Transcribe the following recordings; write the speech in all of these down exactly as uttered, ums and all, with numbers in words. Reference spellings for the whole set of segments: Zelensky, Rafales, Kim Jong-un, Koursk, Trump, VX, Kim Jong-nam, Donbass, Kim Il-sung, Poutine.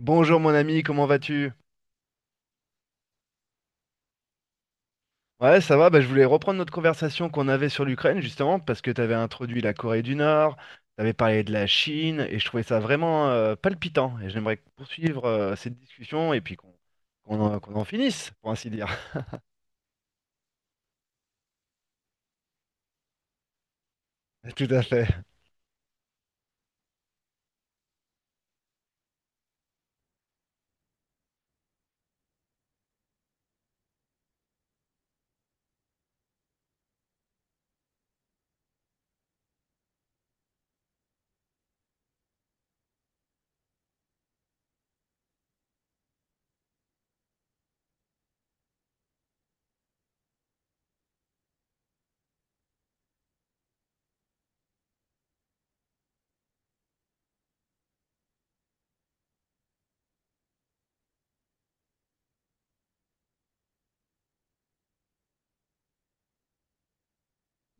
Bonjour mon ami, comment vas-tu? Ouais, ça va, bah, je voulais reprendre notre conversation qu'on avait sur l'Ukraine, justement, parce que tu avais introduit la Corée du Nord, tu avais parlé de la Chine, et je trouvais ça vraiment euh, palpitant. Et j'aimerais poursuivre euh, cette discussion et puis qu'on qu'on en, qu'on en finisse, pour ainsi dire. Tout à fait.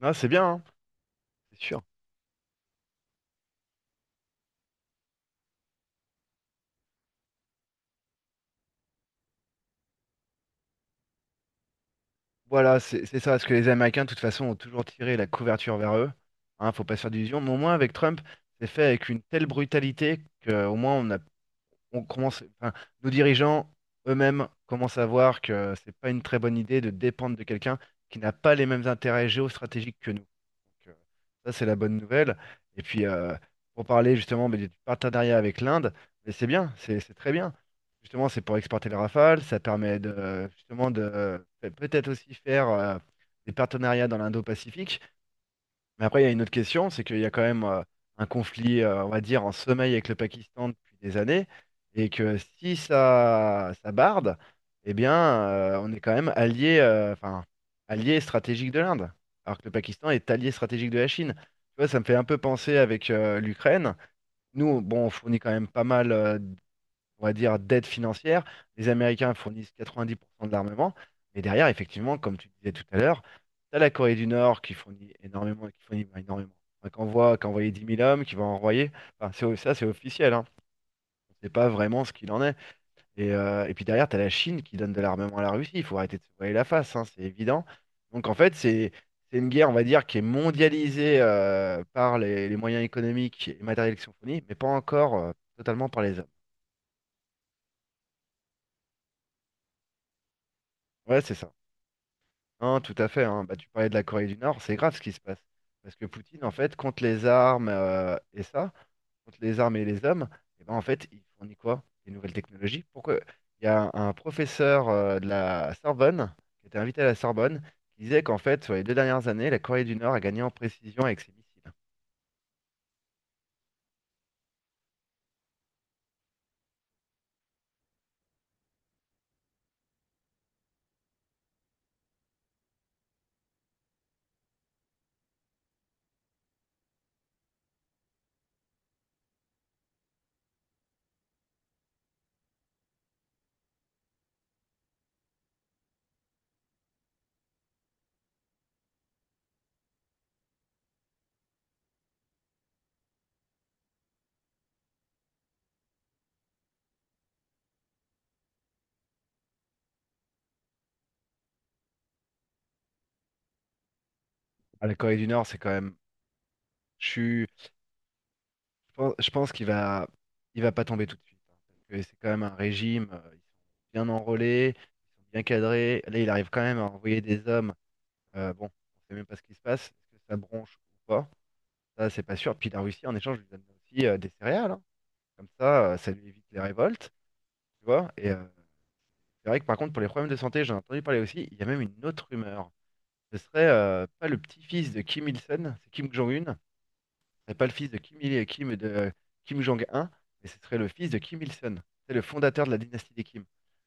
Non, c'est bien, hein. C'est sûr. Voilà, c'est c'est ça, parce que les Américains, de toute façon, ont toujours tiré la couverture vers eux. Hein, faut pas se faire d'illusions, mais au moins avec Trump, c'est fait avec une telle brutalité qu'au moins on a on commence, enfin, nos dirigeants eux-mêmes commencent à voir que c'est pas une très bonne idée de dépendre de quelqu'un qui n'a pas les mêmes intérêts géostratégiques que nous. Donc, euh, ça, c'est la bonne nouvelle. Et puis, euh, pour parler justement mais du partenariat avec l'Inde, mais c'est bien, c'est c'est très bien. Justement, c'est pour exporter les Rafales, ça permet de, justement de peut-être aussi faire euh, des partenariats dans l'Indo-Pacifique. Mais après, il y a une autre question, c'est qu'il y a quand même euh, un conflit, euh, on va dire, en sommeil avec le Pakistan depuis des années, et que si ça, ça barde, eh bien, euh, on est quand même allié, euh, enfin, allié stratégique de l'Inde, alors que le Pakistan est allié stratégique de la Chine. Tu vois, ça me fait un peu penser avec euh, l'Ukraine. Nous, bon, on fournit quand même pas mal euh, on va dire, d'aide financière. Les Américains fournissent quatre-vingt-dix pour cent de l'armement. Mais derrière, effectivement, comme tu disais tout à l'heure, tu as la Corée du Nord qui fournit énormément, qui fournit bah, énormément. Enfin, qui envoie, qui a envoyé dix mille hommes, qui va envoyer. Enfin, c'est- ça, c'est officiel. Hein. On ne sait pas vraiment ce qu'il en est. Et, euh, et puis derrière, tu as la Chine qui donne de l'armement à la Russie. Il faut arrêter de se voiler la face, hein, c'est évident. Donc en fait, c'est c'est une guerre, on va dire, qui est mondialisée euh, par les, les moyens économiques et matériels qui sont fournis, mais pas encore euh, totalement par les hommes. Ouais, c'est ça. Non, tout à fait, hein. Bah, tu parlais de la Corée du Nord, c'est grave ce qui se passe. Parce que Poutine, en fait, contre les armes euh, et ça, contre les armes et les hommes, et ben, en fait, il fournit quoi? Des nouvelles technologies. Pourquoi? Il y a un, un professeur euh, de la Sorbonne, qui était invité à la Sorbonne, qui disait qu'en fait, sur les deux dernières années, la Corée du Nord a gagné en précision avec ses missiles. Ah, la Corée du Nord, c'est quand même pen- Je pense qu'il va, il va pas tomber tout de suite, hein, parce que c'est quand même un régime. euh, Ils sont bien enrôlés, ils sont bien cadrés. Là, il arrive quand même à envoyer des hommes. Euh, bon, on sait même pas ce qui se passe. Est-ce que ça bronche ou pas? Ça, c'est pas sûr. Puis la Russie, en échange, lui donne aussi euh, des céréales, hein. Comme ça, euh, ça lui évite les révoltes. Tu vois? Et euh, c'est vrai que par contre, pour les problèmes de santé, j'en ai entendu parler aussi. Il y a même une autre rumeur. Ce serait euh, pas le petit-fils de Kim Il-sung, c'est Kim Jong-un. N'est pas le fils de Kim, Il- Kim, de, Kim Jong-un, mais ce serait le fils de Kim Il-sung. C'est le fondateur de la dynastie des Kim.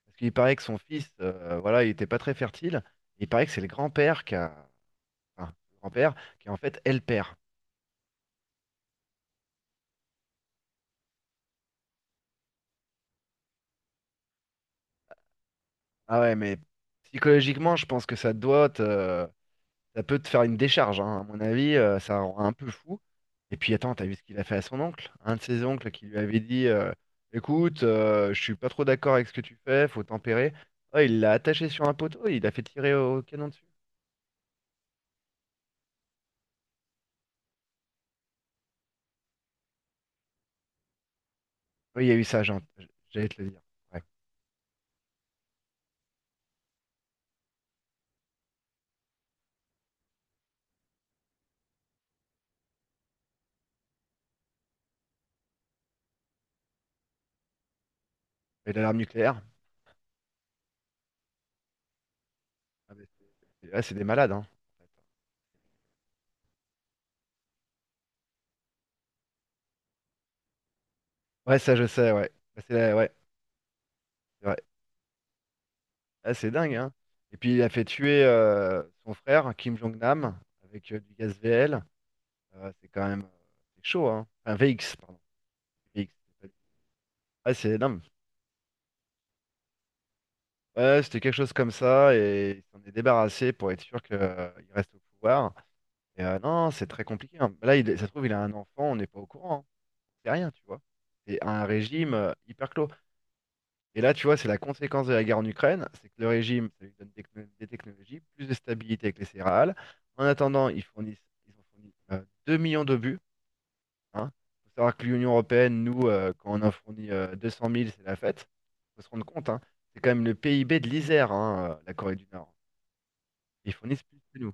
Parce qu'il paraît que son fils, euh, voilà, il n'était pas très fertile. Il paraît que c'est le grand-père qui a, enfin, le grand-père qui est en fait est le père. Ah ouais, mais psychologiquement, je pense que ça doit te, ça peut te faire une décharge, hein. À mon avis, euh, ça rend un peu fou. Et puis attends, t'as vu ce qu'il a fait à son oncle? Un de ses oncles qui lui avait dit euh, écoute, euh, je suis pas trop d'accord avec ce que tu fais, faut tempérer. Oh, il l'a attaché sur un poteau, il l'a fait tirer au canon dessus. Oui, il y a eu ça, Jean- j'allais te le dire. Ouais. Et l'alarme nucléaire? Ah, mais c'est ah, c'est des malades, hein. Ouais, ça je sais, ouais. Ah, c'est la- ouais, c'est vrai. Ah, c'est dingue, hein. Et puis il a fait tuer euh, son frère, Kim Jong-nam, avec euh, du gaz V L. Euh, c'est quand même euh, c'est chaud, hein. Un V X, pardon. V X, c'est pas du- Ah, c'est énorme. Ouais, c'était quelque chose comme ça, et il s'en est débarrassé pour être sûr qu'il reste au pouvoir. Et euh, non, c'est très compliqué, hein. Là, il, ça se trouve, il a un enfant, on n'est pas au courant, hein. C'est rien, tu vois. C'est un régime euh, hyper clos. Et là, tu vois, c'est la conséquence de la guerre en Ukraine, c'est que le régime, ça lui donne des, techno- des technologies, plus de stabilité avec les céréales. En attendant, ils fournissent, ils ont fourni euh, deux millions d'obus. Hein. Faut savoir que l'Union européenne, nous, euh, quand on en fournit euh, deux cent mille, c'est la fête. Faut se rendre compte, hein. C'est quand même le P I B de l'Isère, hein, euh, la Corée du Nord. Ils fournissent plus que nous.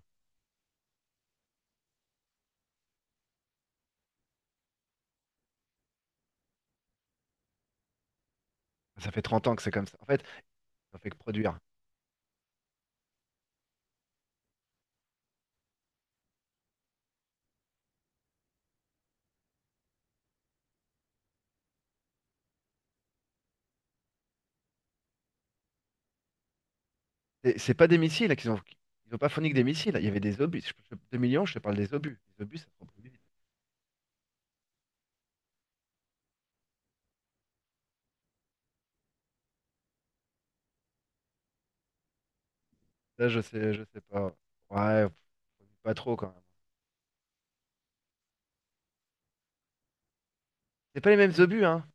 Ça fait trente ans que c'est comme ça. En fait, on fait que produire. C'est c'est pas des missiles qu'ils ont. Ils n'ont pas fourni que des missiles. Il y avait des obus. Je- je- deux millions, je te parle des obus. Les obus, ça se reproduit vite. Ça, je sais, je sais pas. Ouais, pff, pas trop quand même. C'est pas les mêmes obus, hein.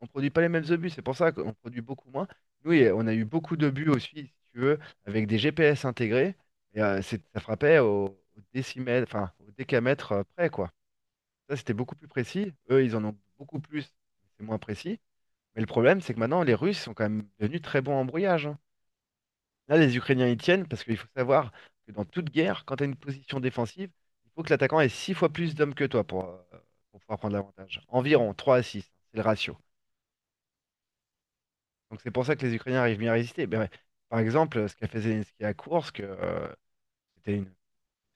On produit pas les mêmes obus, c'est pour ça qu'on produit beaucoup moins. Nous, il y a- on a eu beaucoup d'obus aussi, si tu veux, avec des G P S intégrés. Et euh, c'est- ça frappait au, au décimètre, enfin au décamètre euh, près, quoi. Ça, c'était beaucoup plus précis. Eux, ils en ont beaucoup plus, c'est moins précis. Mais le problème, c'est que maintenant, les Russes sont quand même devenus très bons en brouillage, hein. Là, les Ukrainiens y tiennent parce qu'il faut savoir que dans toute guerre, quand tu as une position défensive, il faut que l'attaquant ait six fois plus d'hommes que toi pour, euh, pour pouvoir prendre l'avantage. Environ trois à six, c'est le ratio. Donc c'est pour ça que les Ukrainiens arrivent bien à résister. Ben, ouais, par exemple, ce qu'a fait Zelensky à Koursk, euh, c'était une,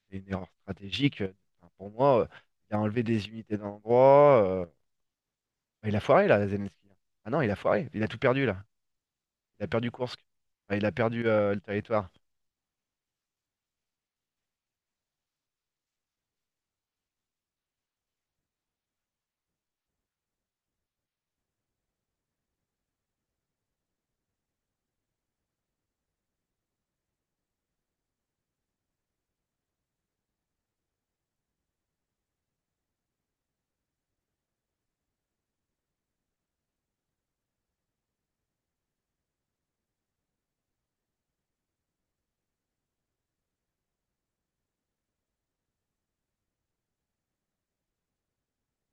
c'était une erreur stratégique. euh, Enfin, pour moi, euh, il a enlevé des unités d'un endroit. Euh, ben, il a foiré là, Zelensky. Ah non, il a foiré. Il a tout perdu là. Il a perdu Koursk. Enfin, il a perdu euh, le territoire.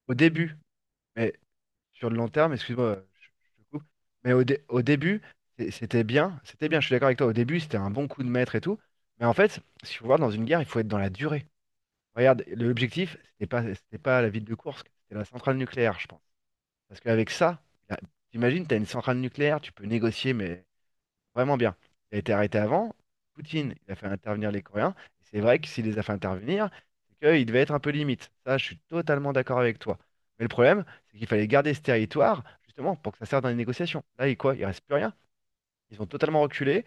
Au début, mais sur le long terme, excuse-moi, euh, je, je te coupe. Mais au, dé- au début, c'est- c'était bien. C'était bien, je suis d'accord avec toi. Au début, c'était un bon coup de maître et tout. Mais en fait, si vous voulez, dans une guerre, il faut être dans la durée. Regarde, l'objectif, c'était pas, c'était pas la ville de Kursk, c'était la centrale nucléaire, je pense. Parce qu'avec ça, là, t'imagines, t'as une centrale nucléaire, tu peux négocier, mais vraiment bien. Il a été arrêté avant, Poutine, il a fait intervenir les Coréens. Et c'est vrai que s'il les a fait intervenir, c'est qu'il devait être un peu limite. Ça, je suis totalement d'accord avec toi. Mais le problème, c'est qu'il fallait garder ce territoire, justement, pour que ça serve dans les négociations. Là, il quoi? Il reste plus rien. Ils ont totalement reculé,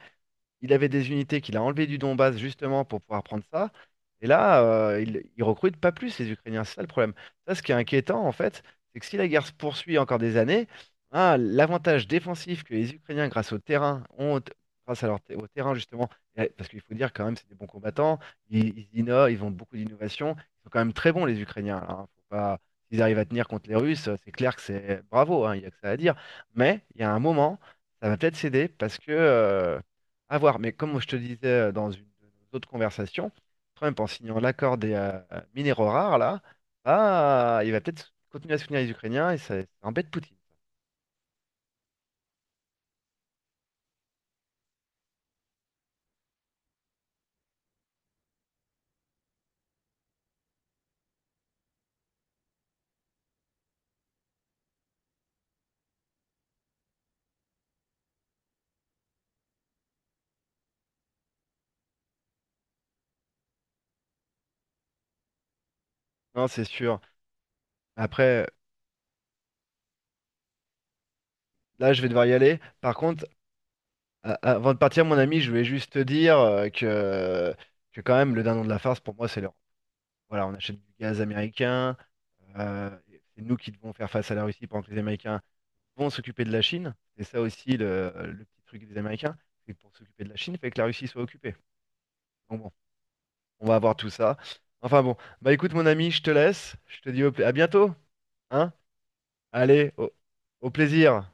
il avait des unités qu'il a enlevées du Donbass justement pour pouvoir prendre ça. Et là, euh, il, il recrute pas plus les Ukrainiens. C'est ça le problème. Ça, ce qui est inquiétant en fait, c'est que si la guerre se poursuit encore des années, hein, l'avantage défensif que les Ukrainiens, grâce au terrain, ont, grâce à leur te- au terrain justement, et- parce qu'il faut dire quand même, c'est des bons combattants. Ils, ils innovent, ils ont beaucoup d'innovation. Ils sont quand même très bons les Ukrainiens, hein. Faut pas, s'ils arrivent à tenir contre les Russes, c'est clair que c'est bravo, hein. Il n'y a que ça à dire. Mais il y a un moment, ça va peut-être céder parce que euh, à voir, mais comme je te disais euh, dans une de nos autres conversations, Trump, en signant l'accord des euh, minéraux rares, là, ah, il va peut-être continuer à soutenir les Ukrainiens et ça, ça embête Poutine. Non, c'est sûr. Après, là, je vais devoir y aller. Par contre, a- avant de partir, mon ami, je voulais juste te dire euh, que, que quand même, le dindon de la farce, pour moi, c'est l'Europe. Voilà, on achète du gaz américain. euh, c'est nous qui devons faire face à la Russie pendant que les Américains vont s'occuper de la Chine. C'est ça aussi le, le petit truc des Américains. C'est que pour s'occuper de la Chine, il fait que la Russie soit occupée. Donc bon, on va avoir tout ça. Enfin bon, bah écoute mon ami, je te laisse. Je te dis au pla- à bientôt. Hein? Allez, au au plaisir.